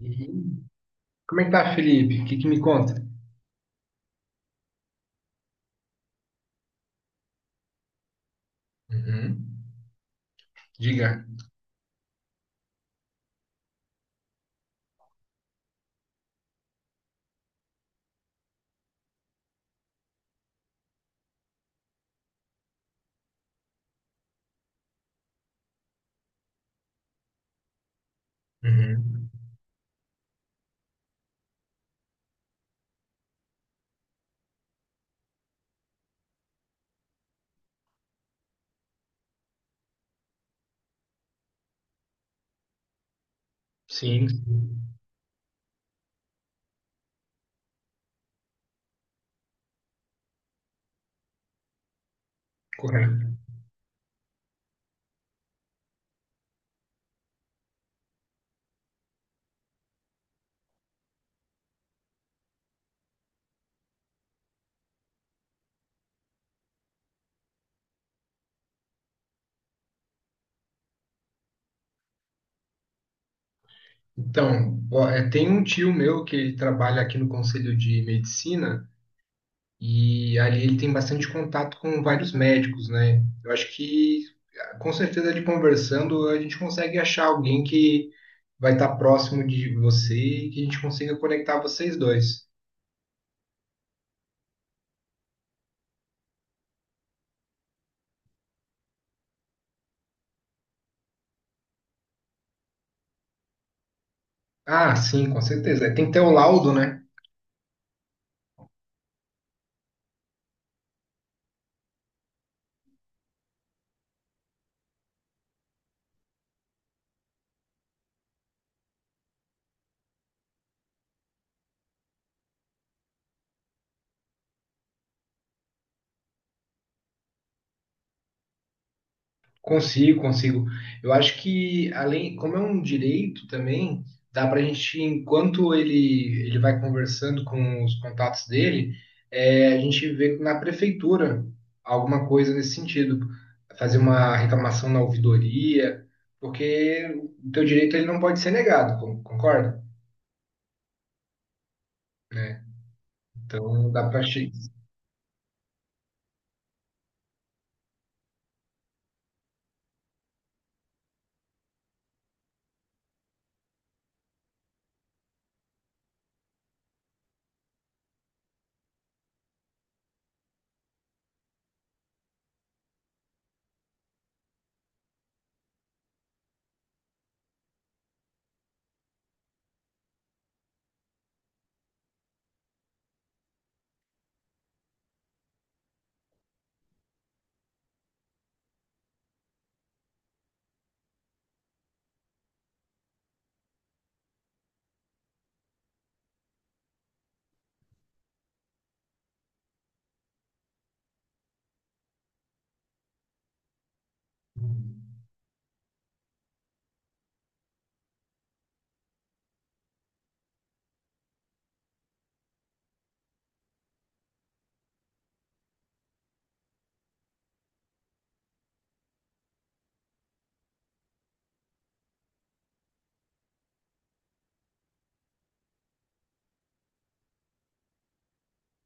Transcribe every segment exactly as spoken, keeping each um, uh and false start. Uhum. Como é que tá, Felipe? O que que me conta? Uhum. Diga. Uhum. Sim, sim. Correto. Então, ó, é, tem um tio meu que ele trabalha aqui no Conselho de Medicina e ali ele tem bastante contato com vários médicos, né? Eu acho que, com certeza, ele conversando, a gente consegue achar alguém que vai estar próximo de você e que a gente consiga conectar vocês dois. Ah, sim, com certeza. Tem que ter o laudo, né? Consigo, consigo. Eu acho que, além, como é um direito também, dá para a gente, enquanto ele, ele vai conversando com os contatos dele, é, a gente vê na prefeitura alguma coisa nesse sentido, fazer uma reclamação na ouvidoria, porque o teu direito ele não pode ser negado, con- concorda? Né? Então dá para.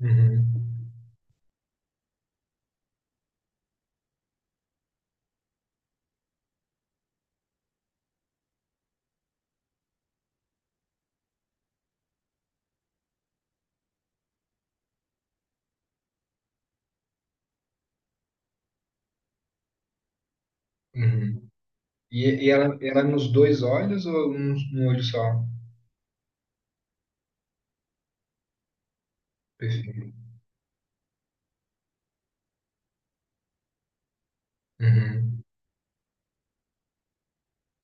Uhum, uhum. E, e ela, ela nos dois olhos ou num, num olho só? Perfeito. Uhum.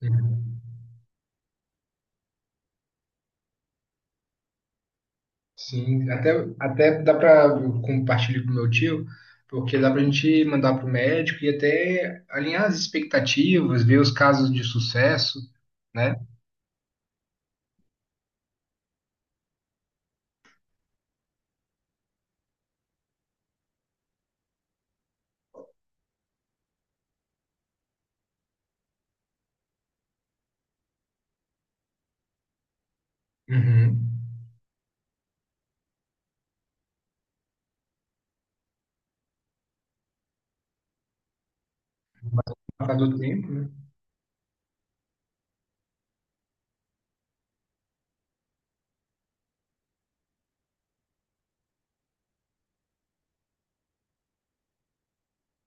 Uhum. Sim, até, até dá para compartilhar com meu tio, porque dá para a gente mandar para o médico e até alinhar as expectativas, ver os casos de sucesso, né? Uhum. Mas com o passar do tempo, né?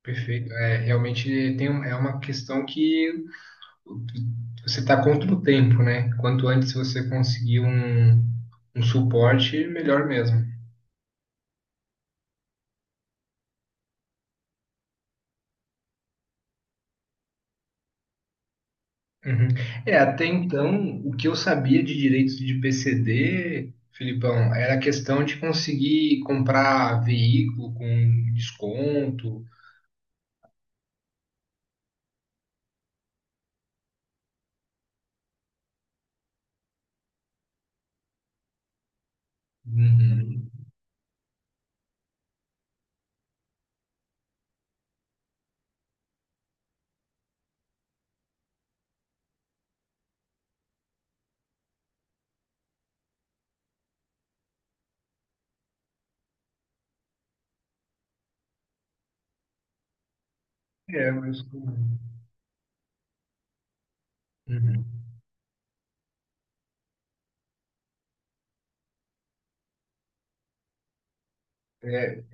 Perfeito. É, realmente tem, um- é uma questão que você está contra o tempo, né? Quanto antes você conseguir um, um suporte, melhor mesmo. Uhum. É, até então, o que eu sabia de direitos de P C D, Filipão, era a questão de conseguir comprar veículo com desconto. Uhum. É, mas. Uhum. É,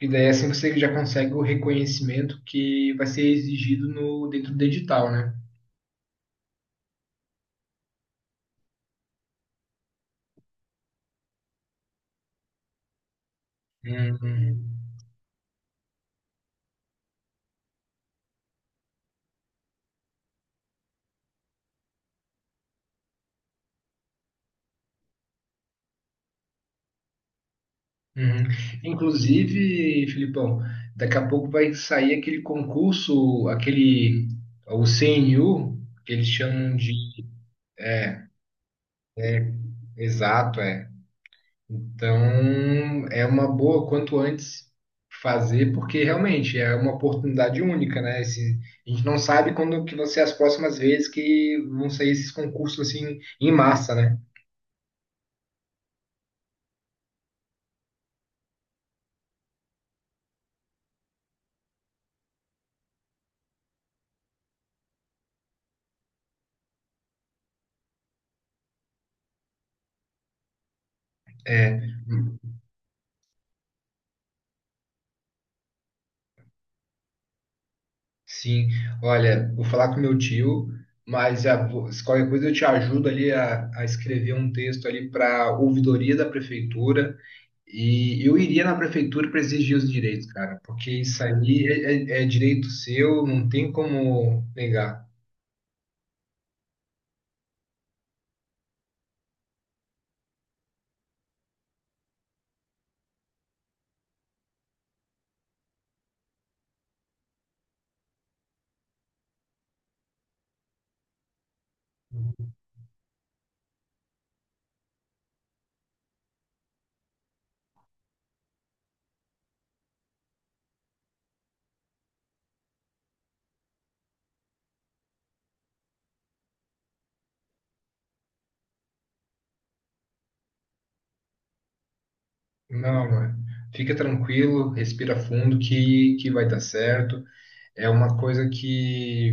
e daí é assim você já consegue o reconhecimento que vai ser exigido no, dentro do edital, né? Uhum. Uhum. Inclusive, Filipão, daqui a pouco vai sair aquele concurso, aquele, o C N U, que eles chamam de Exato, é. Então, é uma boa quanto antes fazer, porque realmente é uma oportunidade única, né? Esse- a gente não sabe quando que vão ser as próximas vezes que vão sair esses concursos assim em massa, né? É, sim. Olha, vou falar com meu tio, mas já vou- se qualquer coisa eu te ajudo ali a, a escrever um texto ali para ouvidoria da prefeitura. E eu iria na prefeitura para exigir os direitos, cara, porque isso aí é, é- é direito seu, não tem como negar. Não, mano, fica tranquilo, respira fundo que, que vai dar certo. É uma coisa que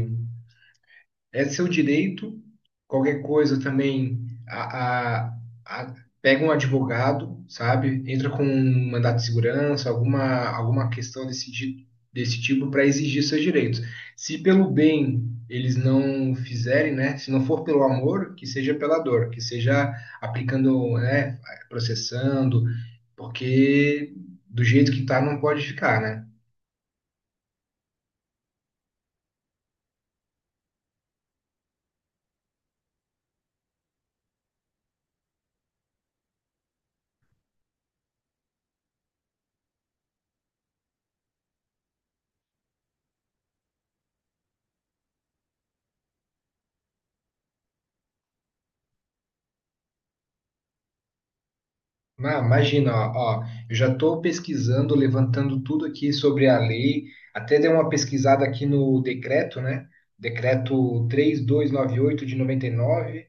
é seu direito. Qualquer coisa também, a, a- a- pega um advogado, sabe? Entra com um mandato de segurança, alguma, alguma questão desse, ti- desse tipo para exigir seus direitos. Se pelo bem eles não fizerem, né? Se não for pelo amor, que seja pela dor, que seja aplicando, né? Processando, porque do jeito que tá não pode ficar, né? Não, imagina, ó, ó, eu já estou pesquisando, levantando tudo aqui sobre a lei, até dei uma pesquisada aqui no decreto, né? Decreto três mil duzentos e noventa e oito de noventa e nove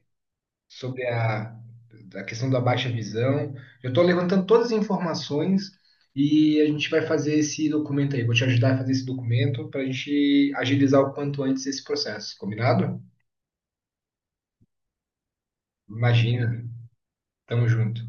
sobre a, a questão da baixa visão. Eu estou levantando todas as informações e a gente vai fazer esse documento aí. Vou te ajudar a fazer esse documento para a gente agilizar o quanto antes esse processo, combinado? Imagina, tamo junto.